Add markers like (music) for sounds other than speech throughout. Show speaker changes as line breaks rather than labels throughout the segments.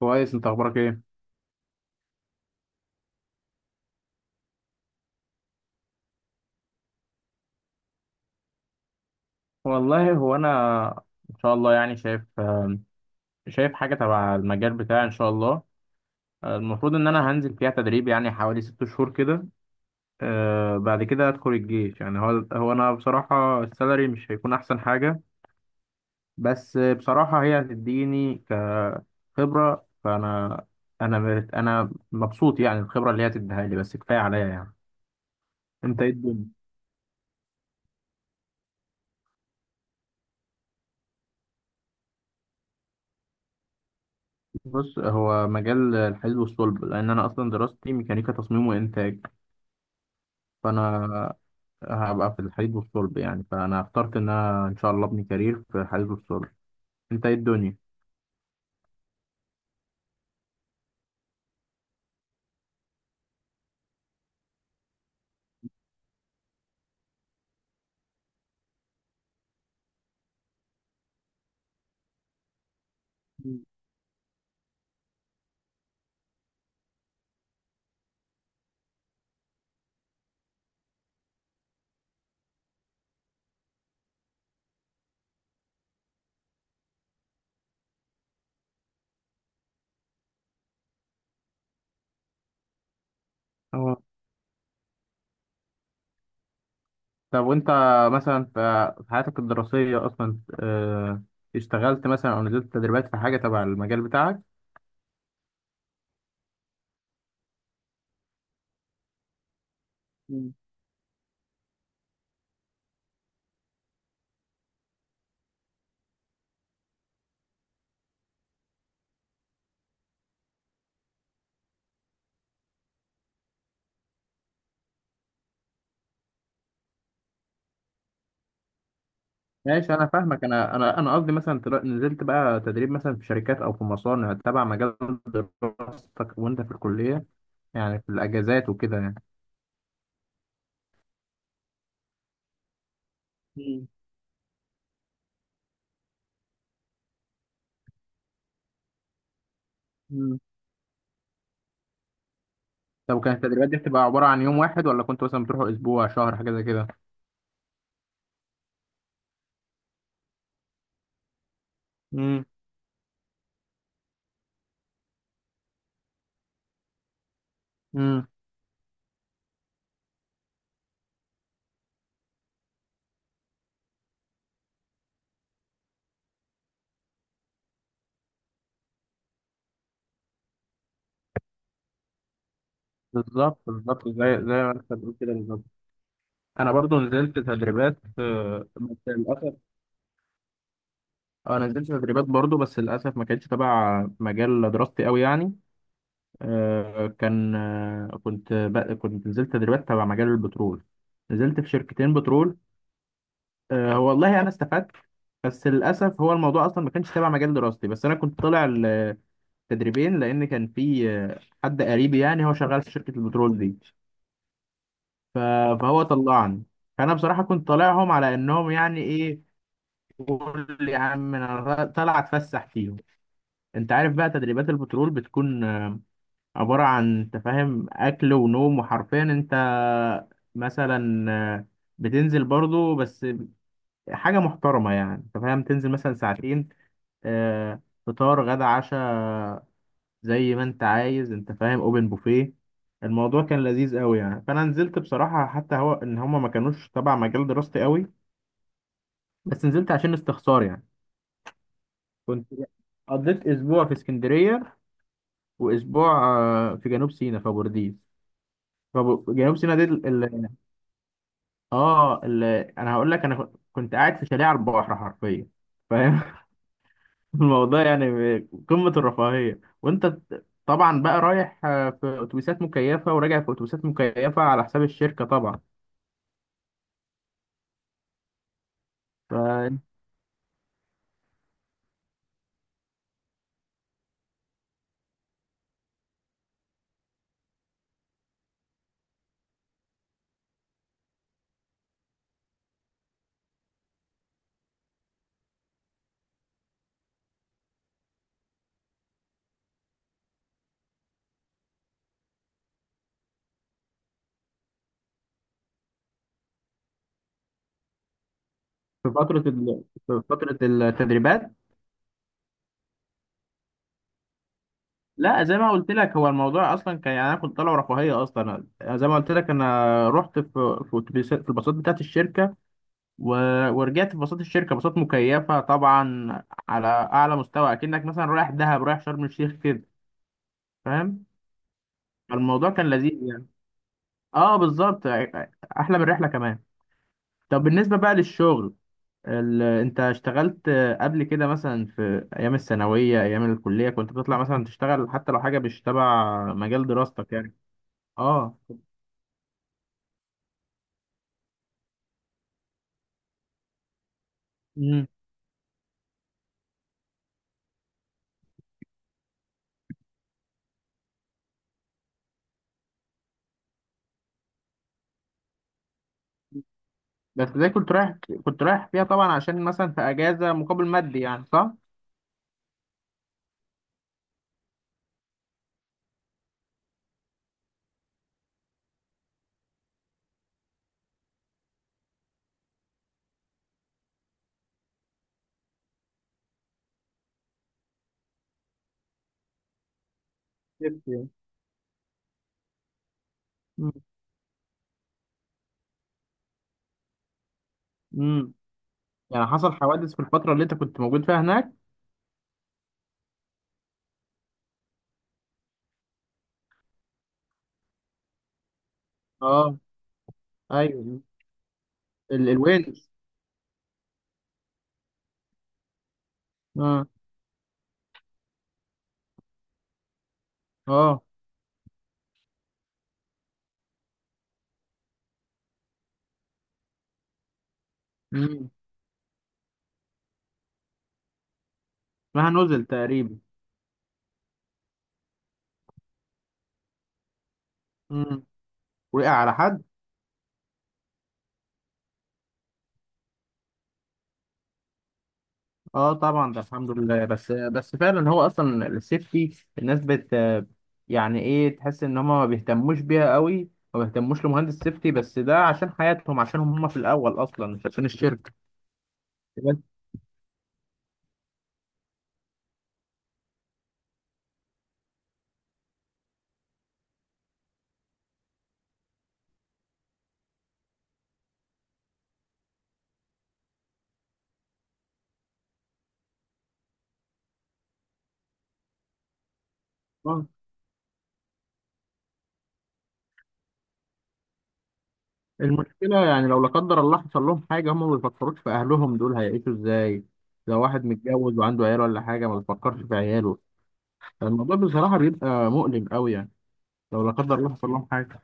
كويس، انت اخبارك ايه؟ والله هو انا ان شاء الله يعني شايف حاجه تبع المجال بتاعي ان شاء الله. المفروض ان انا هنزل فيها تدريب يعني حوالي 6 شهور كده. بعد كده ادخل الجيش، يعني هو انا بصراحه السالري مش هيكون احسن حاجه. بس بصراحه هي هتديني كخبره، فانا انا مت- انا مبسوط يعني الخبره اللي هي هتديها لي بس كفايه عليا يعني. انت ايه الدنيا؟ بص، هو مجال الحديد والصلب، لان انا اصلا دراستي ميكانيكا تصميم وانتاج. فانا هبقى في الحديد والصلب، يعني فانا اخترت ان انا ان شاء الله ابني كارير في الحديد والصلب. انت ايه الدنيا؟ مم. اه، طب وانت مثلا في حياتك الدراسية اصلا، اشتغلت مثلا او نزلت تدريبات في حاجة تبع المجال بتاعك؟ مم. ماشي، انا فاهمك. انا قصدي مثلا نزلت بقى تدريب مثلا في شركات او في مصانع تبع مجال دراستك وانت في الكلية، يعني في الاجازات وكده يعني. مم. طب، وكانت التدريبات دي بتبقى عبارة عن يوم واحد، ولا كنت مثلا بتروحوا أسبوع شهر حاجة زي كده؟ امم امم بالظبط بالظبط، زي ما انت بتقول كده بالظبط. انا برضو نزلت تدريبات بس للاسف انا نزلت تدريبات برضو بس للاسف ما كانتش تبع مجال دراستي قوي يعني. آه، كان آه، كنت ب- كنت نزلت تدريبات تبع مجال البترول، نزلت في شركتين بترول. هو والله انا استفدت، بس للاسف هو الموضوع اصلا ما كانش تبع مجال دراستي. بس انا كنت طالع تدريبين لان كان في حد قريبي يعني هو شغال في شركه البترول دي. ف- فهو طلعني. فانا بصراحه كنت طالعهم على انهم يعني ايه، قول يا عم انا طالع اتفسح فيهم. انت عارف بقى تدريبات البترول بتكون عباره عن، انت فاهم، اكل ونوم، وحرفيا انت مثلا بتنزل برضو بس حاجه محترمه، يعني انت فاهم تنزل مثلا ساعتين، فطار غدا عشاء زي ما انت عايز، انت فاهم، اوبن بوفيه. الموضوع كان لذيذ قوي يعني، فانا نزلت بصراحه حتى هو ان هما ما كانوش تبع مجال دراستي قوي، بس نزلت عشان استخسار يعني. كنت قضيت اسبوع في اسكندريه، واسبوع في جنوب سيناء في بورديس. فجنوب سيناء دي اه ال... انا هقول لك، انا كنت قاعد في شاليه على البحر حرفيا، فاهم. (laughs) الموضوع يعني قمه الرفاهيه. وانت طبعا بقى رايح في اتوبيسات مكيفه، وراجع في اتوبيسات مكيفه، على حساب الشركه طبعا. فانت في فترة التدريبات، لا زي ما قلت لك، هو الموضوع اصلا كان يعني انا كنت طالع رفاهية اصلا. زي ما قلت لك، انا رحت في الباصات بتاعت الشركة، و... ورجعت في باصات الشركة، باصات مكيفة طبعا، على اعلى مستوى، اكنك مثلا رايح دهب، رايح شرم الشيخ كده، فاهم. الموضوع كان لذيذ يعني، اه بالظبط، احلى من الرحلة كمان. طب بالنسبة بقى للشغل، انت اشتغلت قبل كده مثلا في ايام الثانويه، ايام الكليه، كنت بتطلع مثلا تشتغل حتى لو حاجه مش تبع مجال دراستك يعني؟ اه. مم. بس ده كنت رايح فيها طبعا عشان مثلا في اجازه، مقابل مادي يعني، صح؟ نفسي. مم. مم. يعني حصل حوادث في الفتره اللي انت كنت موجود فيها هناك؟ اه. ايوه. الوينش. اه. اه. مم. اسمها نزل تقريبا. مم. وقع على حد؟ اه طبعا، ده الحمد لله، بس فعلا هو اصلا السيفتي، الناس يعني ايه، تحس ان هم ما بيهتموش بيها قوي، ما بيهتموش لمهندس سيفتي، بس ده عشان حياتهم، عشان هم في الاول اصلا، مش عشان الشركه بس. آه، المشكله يعني، لو لا قدر الله حصل لهم حاجه، هم ما بيفكروش في اهلهم دول هيعيشوا ازاي. لو واحد متجوز وعنده عيال ولا حاجه، ما بيفكرش في عياله. الموضوع بصراحه بيبقى مؤلم قوي يعني، لو لا قدر الله حصل لهم حاجه.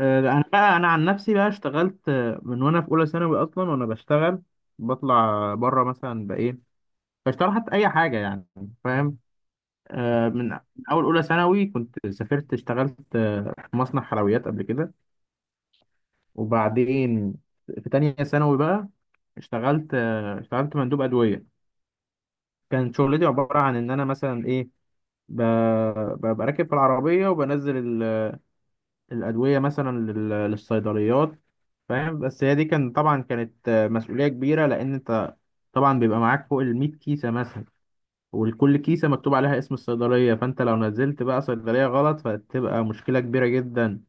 انا بقى، انا عن نفسي بقى اشتغلت من وانا في اولى ثانوي، اصلا وانا بشتغل، بطلع بره مثلا بايه، بشتغل حتى اي حاجه يعني، فاهم. من اول اولى ثانوي كنت سافرت اشتغلت في مصنع حلويات قبل كده. وبعدين في تانية ثانوي بقى اشتغلت مندوب ادويه. كانت شغلتي عباره عن ان انا مثلا ايه، ببقى راكب في العربيه وبنزل الأدوية مثلا للصيدليات، فاهم. بس هي دي كان طبعا كانت مسؤولية كبيرة، لأن أنت طبعا بيبقى معاك فوق الـ100 كيسة مثلا، وكل كيسة مكتوب عليها اسم الصيدلية، فأنت لو نزلت بقى صيدلية غلط فتبقى مشكلة كبيرة جدا.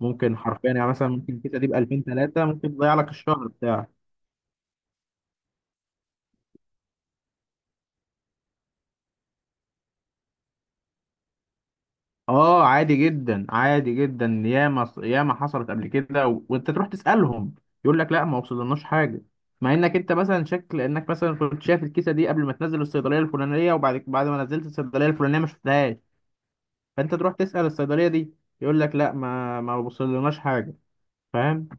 ممكن حرفيا يعني، مثلا ممكن الكيسة دي بـ2003، ممكن تضيع لك الشهر بتاعك. اه، عادي جدا عادي جدا، ياما ياما حصلت قبل كده، وانت تروح تسالهم، يقول لك لا، ما وصلناش حاجه. مع انك انت مثلا شكل انك مثلا كنت شايف الكيسه دي قبل ما تنزل الصيدليه الفلانيه، وبعد ما نزلت الصيدليه الفلانيه ما شفتهاش، فانت تروح تسال الصيدليه دي، يقول لك لا، ما وصلناش حاجه، فاهم.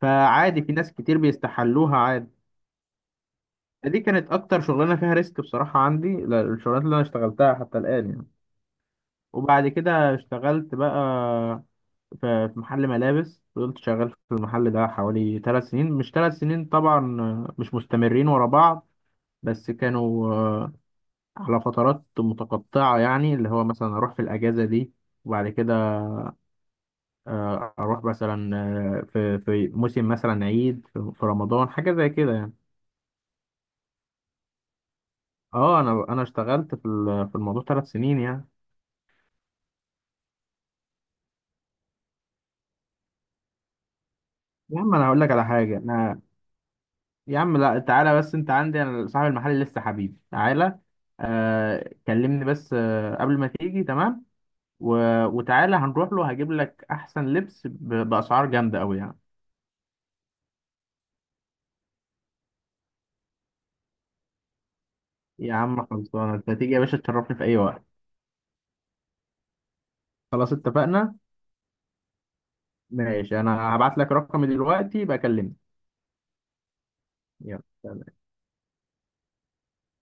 فعادي، في ناس كتير بيستحلوها عادي. دي كانت اكتر شغلانه فيها ريسك بصراحه عندي، لا، الشغلانات اللي انا اشتغلتها حتى الان يعني. وبعد كده اشتغلت بقى في محل ملابس، فضلت شغال في المحل ده حوالي 3 سنين، مش 3 سنين طبعا مش مستمرين ورا بعض، بس كانوا على فترات متقطعة يعني، اللي هو مثلا أروح في الأجازة دي، وبعد كده أروح مثلا في موسم، مثلا عيد، في رمضان، حاجة زي كده يعني. اه، انا اشتغلت في الموضوع 3 سنين يعني. يا عم، انا هقول لك على حاجه. انا، يا عم، لا تعالى بس انت عندي، انا صاحب المحل، لسه حبيبي، تعالى. كلمني بس قبل ما تيجي تمام، و... وتعالى هنروح له، هجيب لك احسن لبس باسعار جامده قوي يعني. يا عم خلصانه، انت تيجي يا باشا تشرفني في اي وقت. خلاص اتفقنا. ماشي، انا هبعت لك رقمي دلوقتي بكلمني. يلا سلام.